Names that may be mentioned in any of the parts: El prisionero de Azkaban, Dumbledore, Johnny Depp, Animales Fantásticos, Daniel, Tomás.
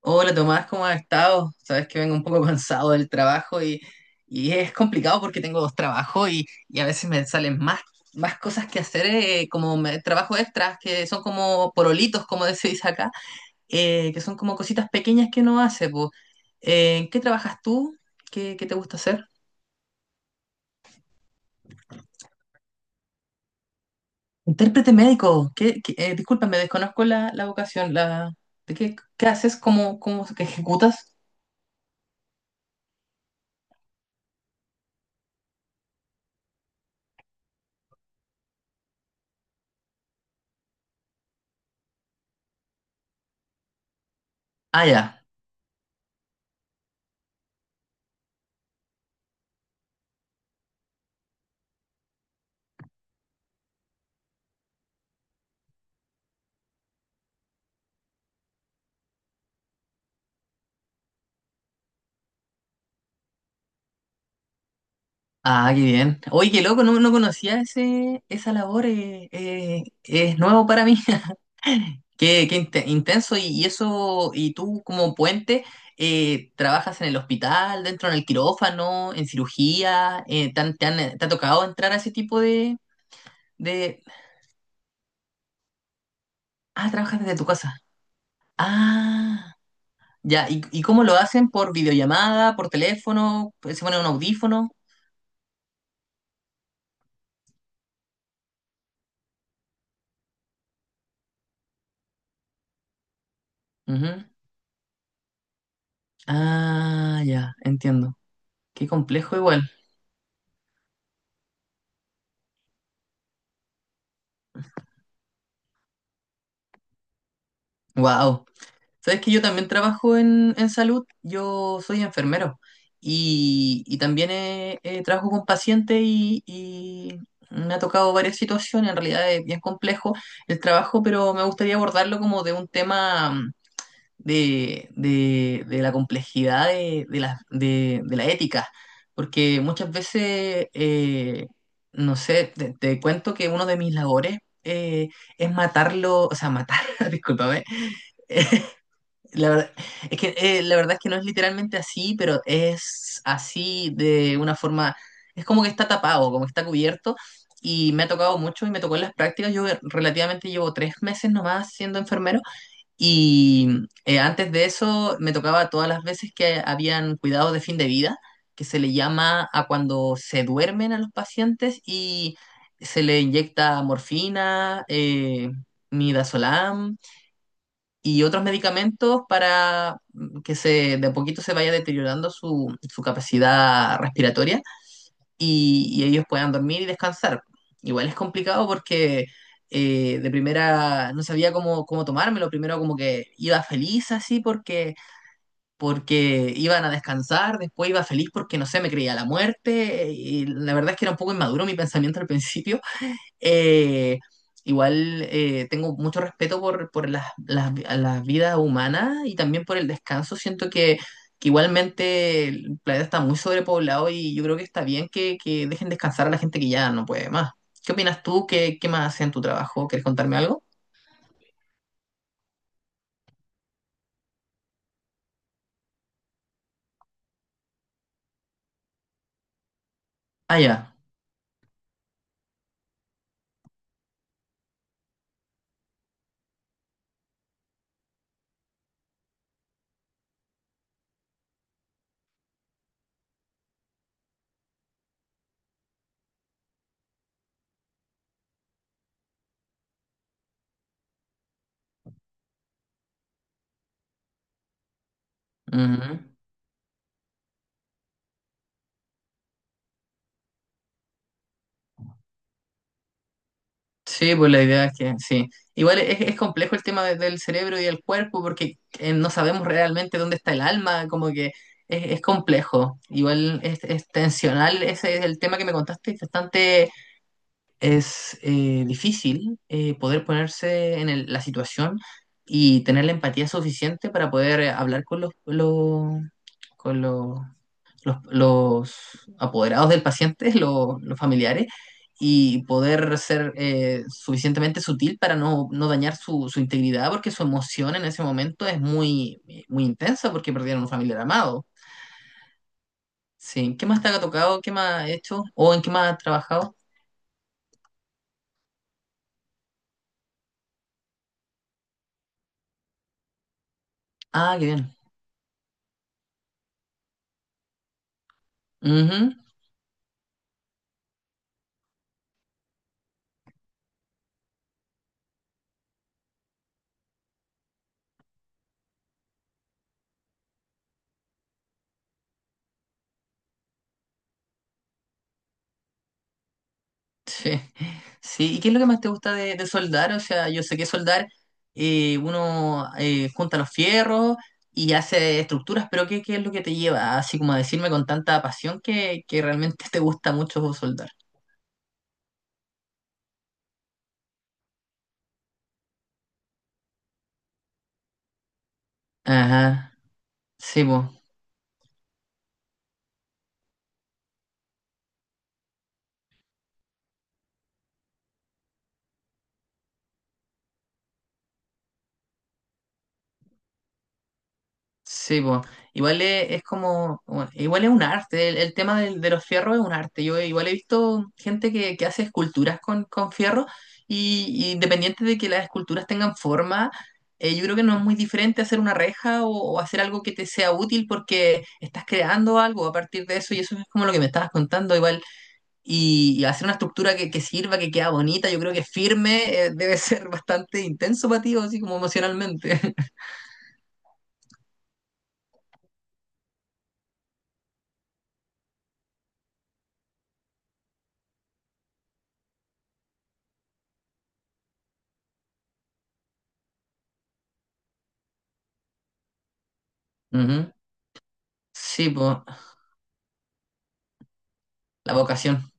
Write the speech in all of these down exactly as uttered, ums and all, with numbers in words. Hola Tomás, ¿cómo has estado? Sabes que vengo un poco cansado del trabajo y, y es complicado porque tengo dos trabajos y, y a veces me salen más, más cosas que hacer, eh, como me- trabajo extras, que son como porolitos, como se dice acá, eh, que son como cositas pequeñas que uno hace, po. Eh, ¿en qué trabajas tú? ¿Qué, qué te gusta hacer? Intérprete médico. ¿Qué, qué- eh, Disculpa, me desconozco la, la vocación. La, ¿de qué, qué haces? ¿Cómo, cómo ejecutas? Ah, ya. Ah, qué bien. Oye, qué loco, no, no conocía ese, esa labor, eh, eh, es nuevo para mí. Qué, qué inte- intenso, y, y eso, y tú como puente, eh, trabajas en el hospital, dentro del quirófano, en cirugía. Eh, ¿te han- te han- te ha tocado entrar a ese tipo de, de... Ah, trabajas desde tu casa. Ah, ya. ¿Y, y cómo lo hacen? ¿Por videollamada, por teléfono? ¿Pues, ¿Se pone un audífono? Ujú. Ah, ya, entiendo. Qué complejo igual. Wow. Sabes que yo también trabajo en, en salud, yo soy enfermero y, y también eh, eh, trabajo con pacientes y, y me ha tocado varias situaciones, en realidad es bien complejo el trabajo, pero me gustaría abordarlo como de un tema, mm, de, de- de la complejidad de, de la, de, de la ética, porque muchas veces, eh, no sé, te, te cuento que uno de mis labores eh, es matarlo, o sea, matar, discúlpame. La verdad, es que, eh, la verdad es que no es literalmente así, pero es así de una forma, es como que está tapado, como que está cubierto, y me ha tocado mucho y me tocó en las prácticas, yo eh, relativamente llevo tres meses nomás siendo enfermero, y eh, antes de eso me tocaba todas las veces que habían cuidados de fin de vida, que se le llama a cuando se duermen a los pacientes y se le inyecta morfina, eh, midazolam y otros medicamentos para mm, que se de a poquito se vaya deteriorando su, su capacidad respiratoria y, y ellos puedan dormir y descansar. Igual es complicado porque eh, de primera no sabía cómo, cómo tomármelo, primero como que iba feliz así porque, porque iban a descansar, después iba feliz porque no sé, me creía la muerte y la verdad es que era un poco inmaduro mi pensamiento al principio, eh, igual, eh, tengo mucho respeto por, por las, las, las vidas humanas y también por el descanso. Siento que, que igualmente el planeta está muy sobrepoblado y yo creo que está bien que, que dejen descansar a la gente que ya no puede más. ¿Qué opinas tú? ¿Qué, qué más hace en tu trabajo? ¿Quieres contarme algo? Ah, ya. Ujú. Sí, pues la idea es que sí. Igual es, es complejo el tema de- del cerebro y del cuerpo porque eh, no sabemos realmente dónde está el alma, como que es, es complejo. Igual es, es tensional, ese es el tema que me contaste, es bastante, es, eh, difícil eh, poder ponerse en el- la situación y tener la empatía suficiente para poder eh, hablar con los, los, con los los, los apoderados del paciente, los, los familiares, y poder ser eh, suficientemente sutil para no, no dañar su, su integridad, porque su emoción en ese momento es muy, muy intensa porque perdieron un familiar amado. Sí, ¿qué más te ha tocado? ¿Qué más ha hecho? ¿O en qué más ha trabajado? Ah, qué bien. Ujú. Sí, sí. ¿Y qué es lo que más te gusta de, de soldar? O sea, yo sé que soldar eh, uno eh, junta los fierros y hace estructuras, pero ¿qué, qué es lo que te lleva así como a decirme con tanta pasión que, que realmente te gusta mucho soldar? Ajá, sí, pues. Sí, po. Igual es, es como, bueno, igual es un arte, el, el tema del- de, los fierros es un arte. Yo igual he visto gente que, que hace esculturas con, con fierro y, y independiente de que las esculturas tengan forma, eh, yo creo que no es muy diferente hacer una reja o, o hacer algo que te sea útil porque estás creando algo a partir de eso y eso es como lo que me estabas contando igual. Y, y hacer una estructura que, que sirva, que queda bonita, yo creo que firme, eh, debe ser bastante intenso para ti, o así como emocionalmente. Ujú. Sí, pues. La vocación.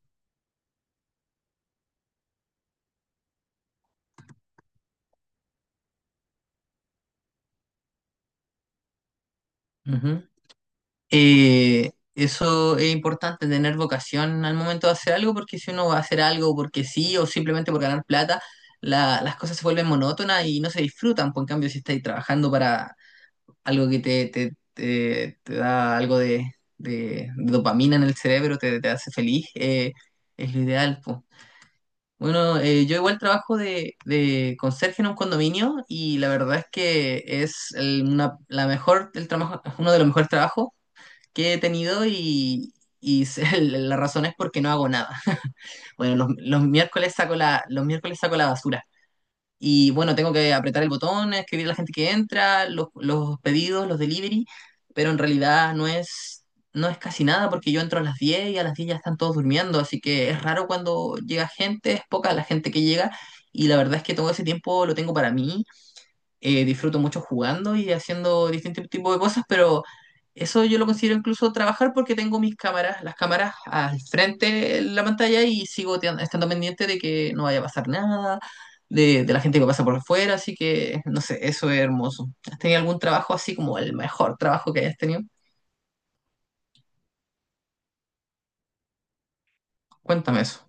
Ujú. Eh, eso es importante, tener vocación al momento de hacer algo, porque si uno va a hacer algo porque sí o simplemente por ganar plata, la- las cosas se vuelven monótonas y no se disfrutan. Por en cambio, si estáis trabajando para algo que te, te- te- te da algo de, de- de dopamina en el cerebro, te, te hace feliz, eh, es lo ideal, po. Bueno, eh, yo igual trabajo de, de conserje en un condominio y la verdad es que es el- una, la mejor, el trabajo, uno de los mejores trabajos que he tenido, y, y la razón es porque no hago nada. Bueno, los, los miércoles saco la, los miércoles saco la basura. Y bueno, tengo que apretar el botón, escribir a la gente que entra, los, los pedidos, los delivery, pero en realidad no es, no es casi nada porque yo entro a las diez y a las diez ya están todos durmiendo, así que es raro cuando llega gente, es poca la gente que llega y la verdad es que todo ese tiempo lo tengo para mí. Eh, disfruto mucho jugando y haciendo distintos tipos de cosas, pero eso yo lo considero incluso trabajar porque tengo mis cámaras, las cámaras al frente de la pantalla y sigo te- estando pendiente de que no vaya a pasar nada, de, de la gente que pasa por afuera, así que no sé, eso es hermoso. ¿Has tenido algún trabajo así como el mejor trabajo que hayas tenido? Cuéntame eso.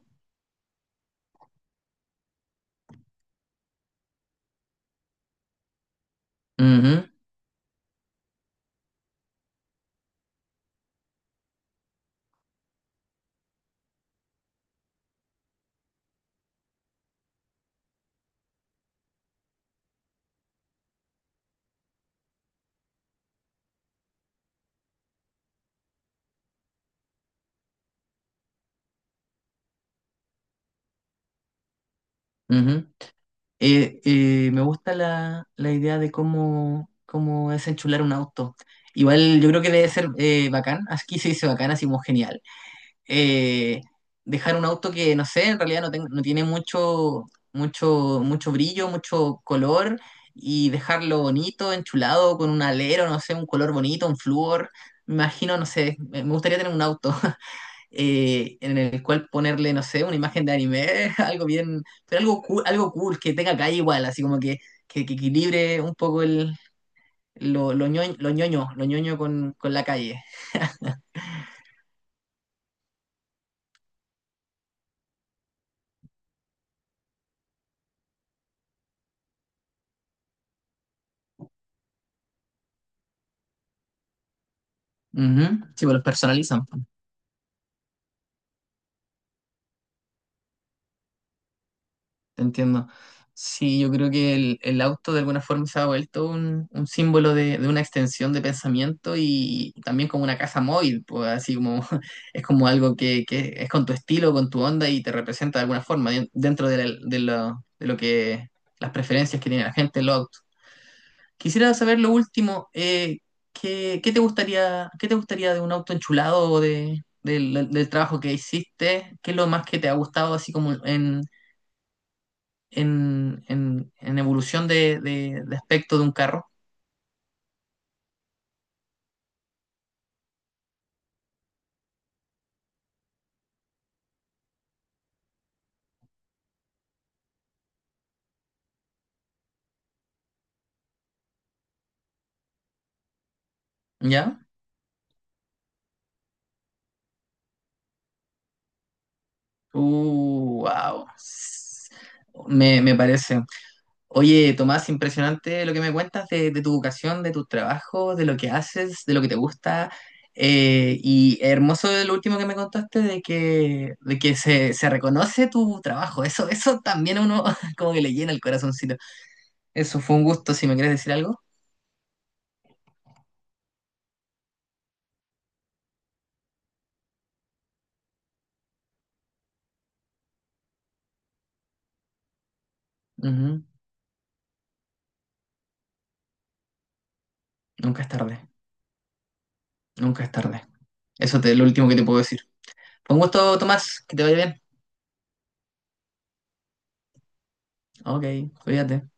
Ujú, ujú. Eh, eh, me gusta la, la idea de cómo, cómo es enchular un auto. Igual yo creo que debe ser eh, bacán, aquí se dice bacán, así como genial. Eh, dejar un auto que, no sé, en realidad no, ten- no tiene mucho, mucho, mucho brillo, mucho color, y dejarlo bonito, enchulado, con un alero, no sé, un color bonito, un flúor. Me imagino, no sé, me me gustaría tener un auto. Eh, en el cual ponerle, no sé, una imagen de anime, algo bien, pero algo cool, algo cool, que tenga calle igual, así como que, que, que equilibre un poco el, lo, lo, ñoño, lo ñoño, lo ñoño con, con la calle. Ujú. Sí, pues los personalizan. Entiendo. Sí, yo creo que el, el auto de alguna forma se ha vuelto un, un símbolo de, de una extensión de pensamiento y también como una casa móvil, pues así como es como algo que, que es con tu estilo, con tu onda y te representa de alguna forma de- dentro de, la- de lo, de lo que las preferencias que tiene la gente en los autos. Quisiera saber lo último. eh, ¿qué, qué te gustaría, qué te gustaría de un auto enchulado o de, del del trabajo que hiciste? ¿Qué es lo más que te ha gustado así como en en, en- en evolución de, de- de aspecto de un carro, ¿ya? Uh, wow. Me, me parece. Oye, Tomás, impresionante lo que me cuentas de, de tu vocación, de tus trabajos, de lo que haces, de lo que te gusta. Eh, y hermoso lo último que me contaste de que, de que se, se reconoce tu trabajo. Eso, eso también a uno como que le llena el corazoncito. Eso fue un gusto, si me quieres decir algo. Ujú. Nunca es tarde, nunca es tarde. Eso es lo último que te puedo decir. Fue un gusto, Tomás, que te vaya bien. Ok, cuídate.